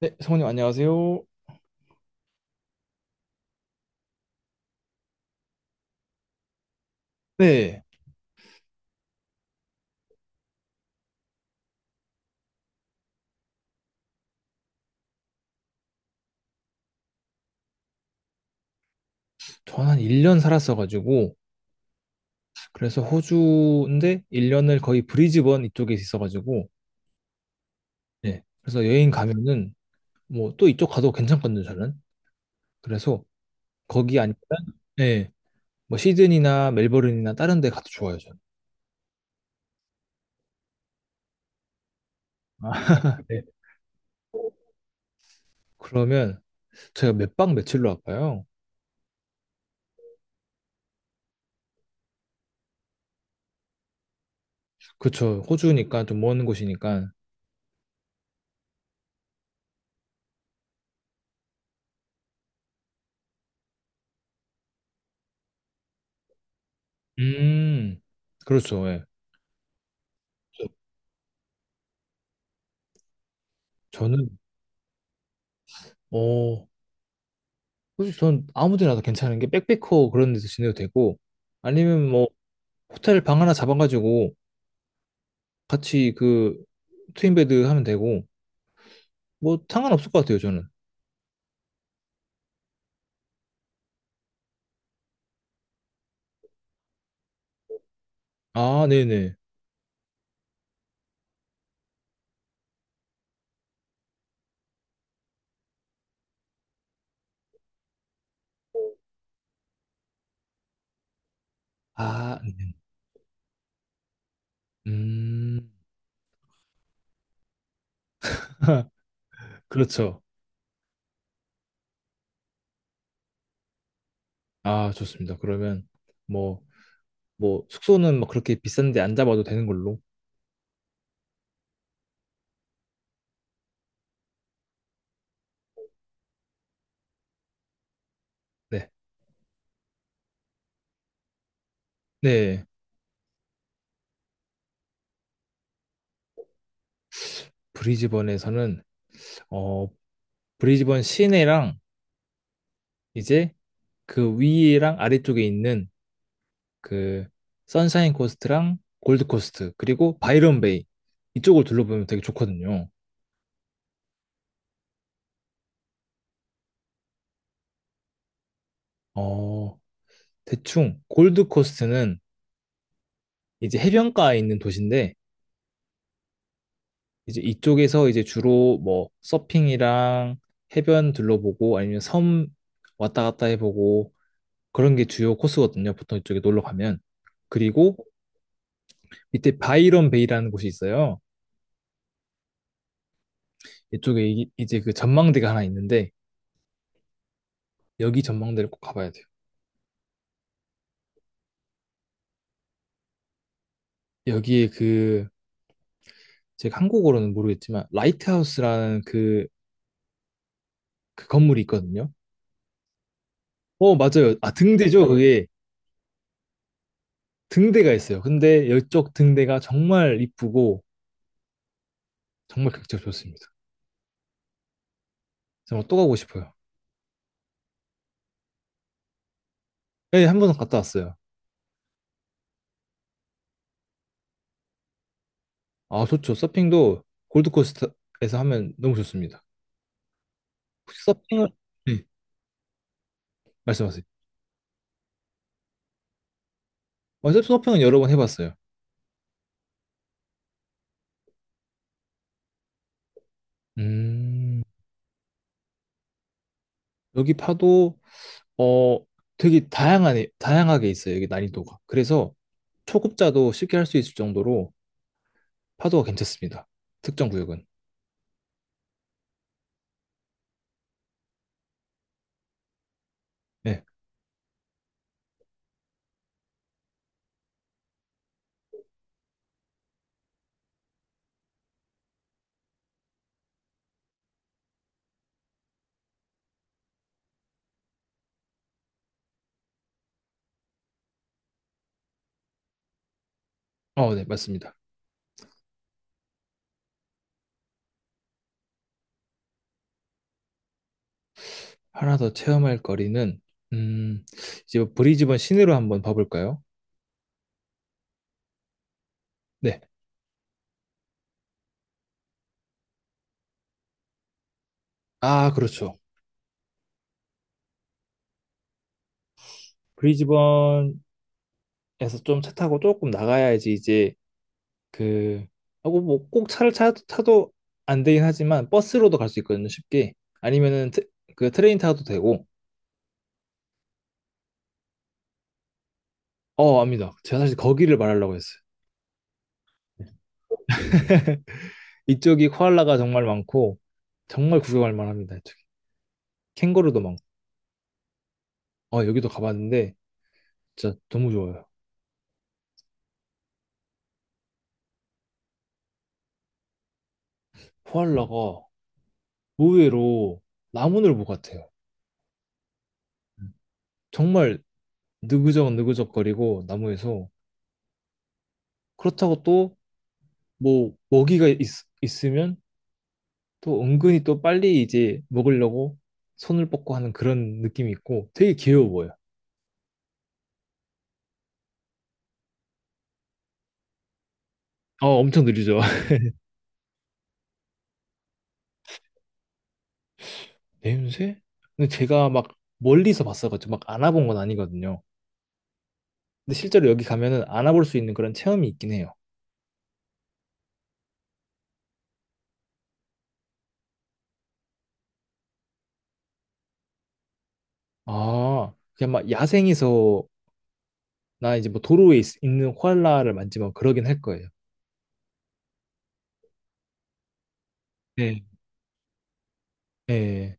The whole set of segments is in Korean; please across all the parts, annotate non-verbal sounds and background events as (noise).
네, 성우님 안녕하세요. 네, 저는 한 1년 살았어가지고, 그래서 호주인데 1년을 거의 브리즈번 이쪽에 있어가지고, 네, 그래서 여행 가면은 뭐 또 이쪽 가도 괜찮거든요, 저는. 그래서 거기 아니면, 네, 뭐 시드니나 멜버른이나 다른 데 가도 좋아요, 저는. 아, (laughs) 네. 그러면 제가 몇 박 며칠로 할까요? 그쵸, 호주니까 좀 먼 곳이니까. 음, 그렇죠, 예. 저는, 어, 그래서 전 아무 데나 다 괜찮은 게 백패커 그런 데서 지내도 되고 아니면 뭐 호텔 방 하나 잡아가지고 같이 그 트윈베드 하면 되고 뭐 상관없을 것 같아요 저는. 아 네네. 아 음 (laughs) 그렇죠. 아 좋습니다. 그러면 뭐 뭐 숙소는 막 그렇게 비싼데 안 잡아도 되는 걸로. 네, 네. 브리즈번에서는 어 브리즈번 시내랑 이제 그 위랑 아래쪽에 있는 그 선샤인 코스트랑 골드 코스트 그리고 바이런 베이 이쪽을 둘러보면 되게 좋거든요. 어, 대충 골드 코스트는 이제 해변가에 있는 도시인데 이제 이쪽에서 이제 주로 뭐 서핑이랑 해변 둘러보고 아니면 섬 왔다 갔다 해보고 그런 게 주요 코스거든요. 보통 이쪽에 놀러 가면. 그리고 밑에 바이런 베이라는 곳이 있어요. 이쪽에 이제 그 전망대가 하나 있는데 여기 전망대를 꼭 가봐야 돼요. 여기에 그 제가 한국어로는 모르겠지만 라이트하우스라는 그 건물이 있거든요. 어, 맞아요. 아, 등대죠. 그게 등대가 있어요. 근데 이쪽 등대가 정말 이쁘고 정말 극적 좋습니다. 정말 또 가고 싶어요. 예, 한 번은 갔다 왔어요. 아, 좋죠. 서핑도 골드코스트에서 하면 너무 좋습니다. 혹시 서핑을. 네, 말씀하세요. 어, 서핑은 여러 번 해봤어요. 음, 여기 파도 어 다양하게 있어요. 여기 난이도가. 그래서 초급자도 쉽게 할 수 있을 정도로 파도가 괜찮습니다. 특정 구역은. 네. 어, 네, 맞습니다. 하나 더 체험할 거리는, 음, 이제 브리즈번 시내로 한번 봐볼까요? 네. 아, 그렇죠. 브리즈번에서 좀 차 타고 조금 나가야지 이제 그, 하고 뭐 꼭 타도 안 되긴 하지만 버스로도 갈 수 있거든요, 쉽게. 아니면은 그 트레인 타도 되고. 어, 압니다. 제가 사실 거기를 말하려고 했어요. (laughs) 이쪽이 코알라가 정말 많고, 정말 구경할 만합니다, 이쪽이. 캥거루도 많고. 아, 여기도 가봤는데 진짜 너무 좋아요. 코알라가 의외로 나무늘보 같아요. 음. 정말 느그적 느그적거리고 나무에서 그렇다고 또 뭐 먹이가 있, 있으면 또 은근히 또 빨리 이제 먹으려고 손을 뻗고 하는 그런 느낌이 있고 되게 귀여워 보여요. 어, 엄청 느리죠. (laughs) 냄새? 근데 제가 막 멀리서 봤어가지고 막 안아본 건 아니거든요. 근데 실제로 여기 가면은 안아볼 수 있는 그런 체험이 있긴 해요. 아, 그냥 막 야생에서 나 이제 뭐 도로에 있, 는 코알라를 만지면 그러긴 할 거예요. 네. 예.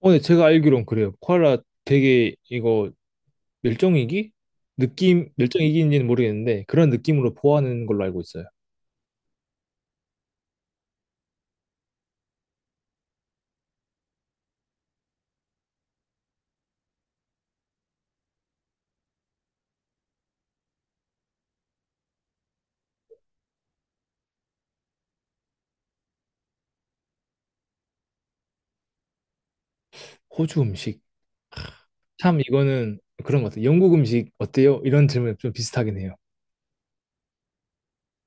어, 네, 제가 알기론 그래요. 코알라 되게 이거 멸종위기? 느낌, 멸종위기인지는 모르겠는데 그런 느낌으로 보호하는 걸로 알고 있어요. 호주 음식. 참 이거는 그런 것 같아요. 영국 음식 어때요? 이런 질문 좀 비슷하긴 해요.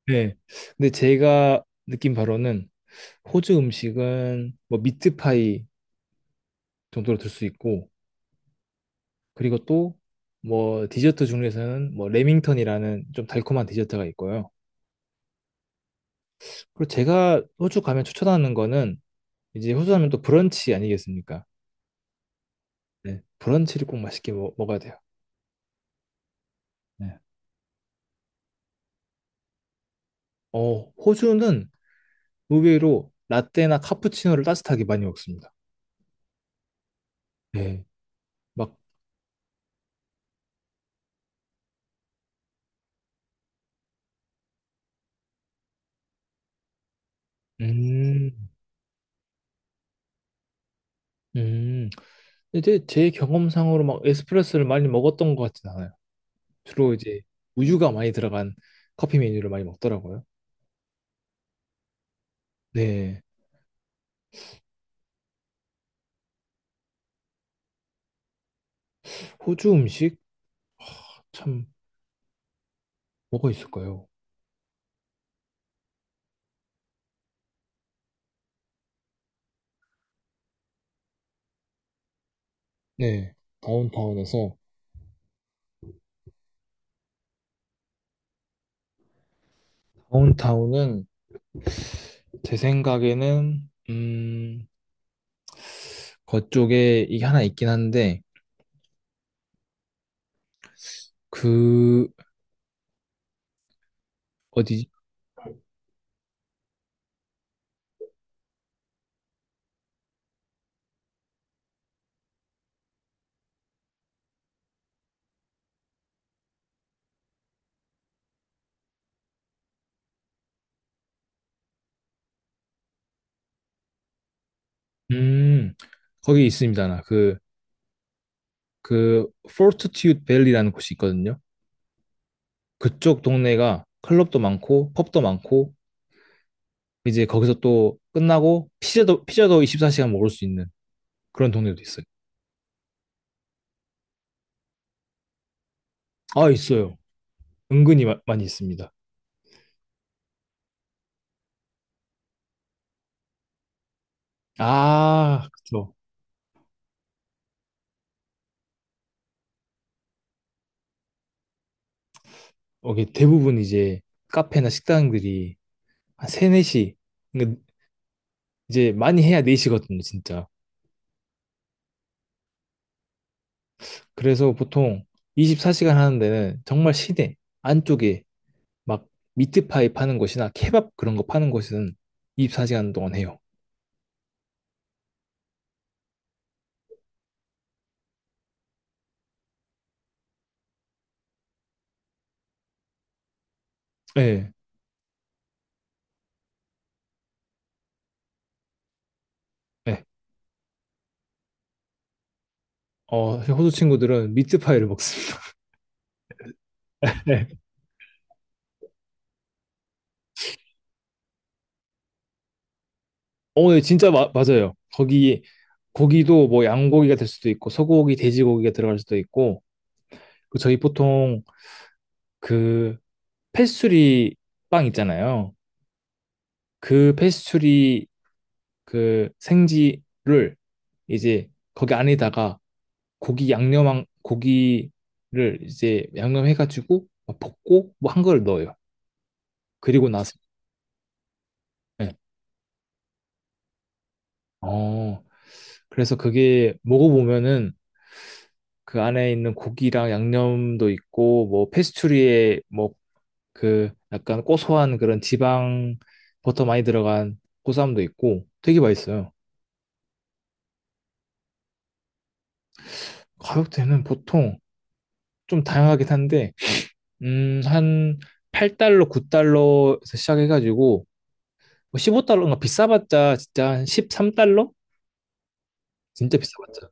네. 근데 제가 느낀 바로는 호주 음식은 뭐 미트파이 정도로 들 수 있고 그리고 또 뭐 디저트 중에서는 뭐 레밍턴이라는 좀 달콤한 디저트가 있고요. 그리고 제가 호주 가면 추천하는 거는 이제 호주 하면 또 브런치 아니겠습니까? 네. 브런치를 꼭 맛있게 먹, 어야 돼요. 네. 어, 호주는 의외로 라떼나 카푸치노를 따뜻하게 많이 먹습니다. 네. 막, 음, 음. 이제 제 경험상으로 막 에스프레소를 많이 먹었던 것 같진 않아요. 주로 이제 우유가 많이 들어간 커피 메뉴를 많이 먹더라고요. 네. 호주 음식? 참 뭐가 있을까요? 네, 다운타운에서 다운타운은 제 생각에는 그쪽에 이게 하나 있긴 한데 그 어디 음 거기 있습니다. 나 그 포르투튜드 밸리라는 곳이 있거든요. 그쪽 동네가 클럽도 많고 펍도 많고 이제 거기서 또 끝나고 피자도 24시간 먹을 수 있는 그런 동네도 있어요. 아 있어요. 은근히 많이 있습니다. 아, 그쵸. 어, 이게 대부분 이제 카페나 식당들이 한 3, 4시, 그러니까 이제 많이 해야 4시거든요, 진짜. 그래서 보통 24시간 하는 데는 정말 시내 안쪽에 막 미트파이 파는 곳이나 케밥 그런 거 파는 곳은 24시간 동안 해요. 네, 네. 어, 호주 친구들은 미트파이를 먹습니다. (laughs) 네. 어, 네, 진짜 맞아요. 거기도 뭐 양고기가 될 수도 있고, 소고기, 돼지고기가 들어갈 수도 있고, 그 저희 보통 그 패스츄리 빵 있잖아요. 그 패스츄리 그 생지를 이제 거기 안에다가 고기 양념한 고기를 이제 양념해가지고 막 볶고 뭐 한 걸 넣어요. 그리고 나서. 네. 어 그래서 그게 먹어보면은 그 안에 있는 고기랑 양념도 있고 뭐 패스츄리에 뭐 그 약간 고소한 그런 지방 버터 많이 들어간 고소함도 있고 되게 맛있어요. 가격대는 보통 좀 다양하긴 한데, 한 8달러, 9달러에서 시작해가지고, 15달러인가 비싸봤자 진짜 한 13달러? 진짜 비싸봤자.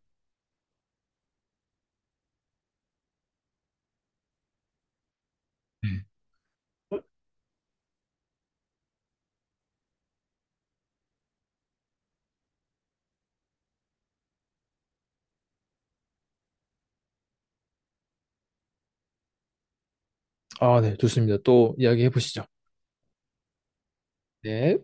네. 아, 네, 좋습니다. 또 이야기해 보시죠. 네.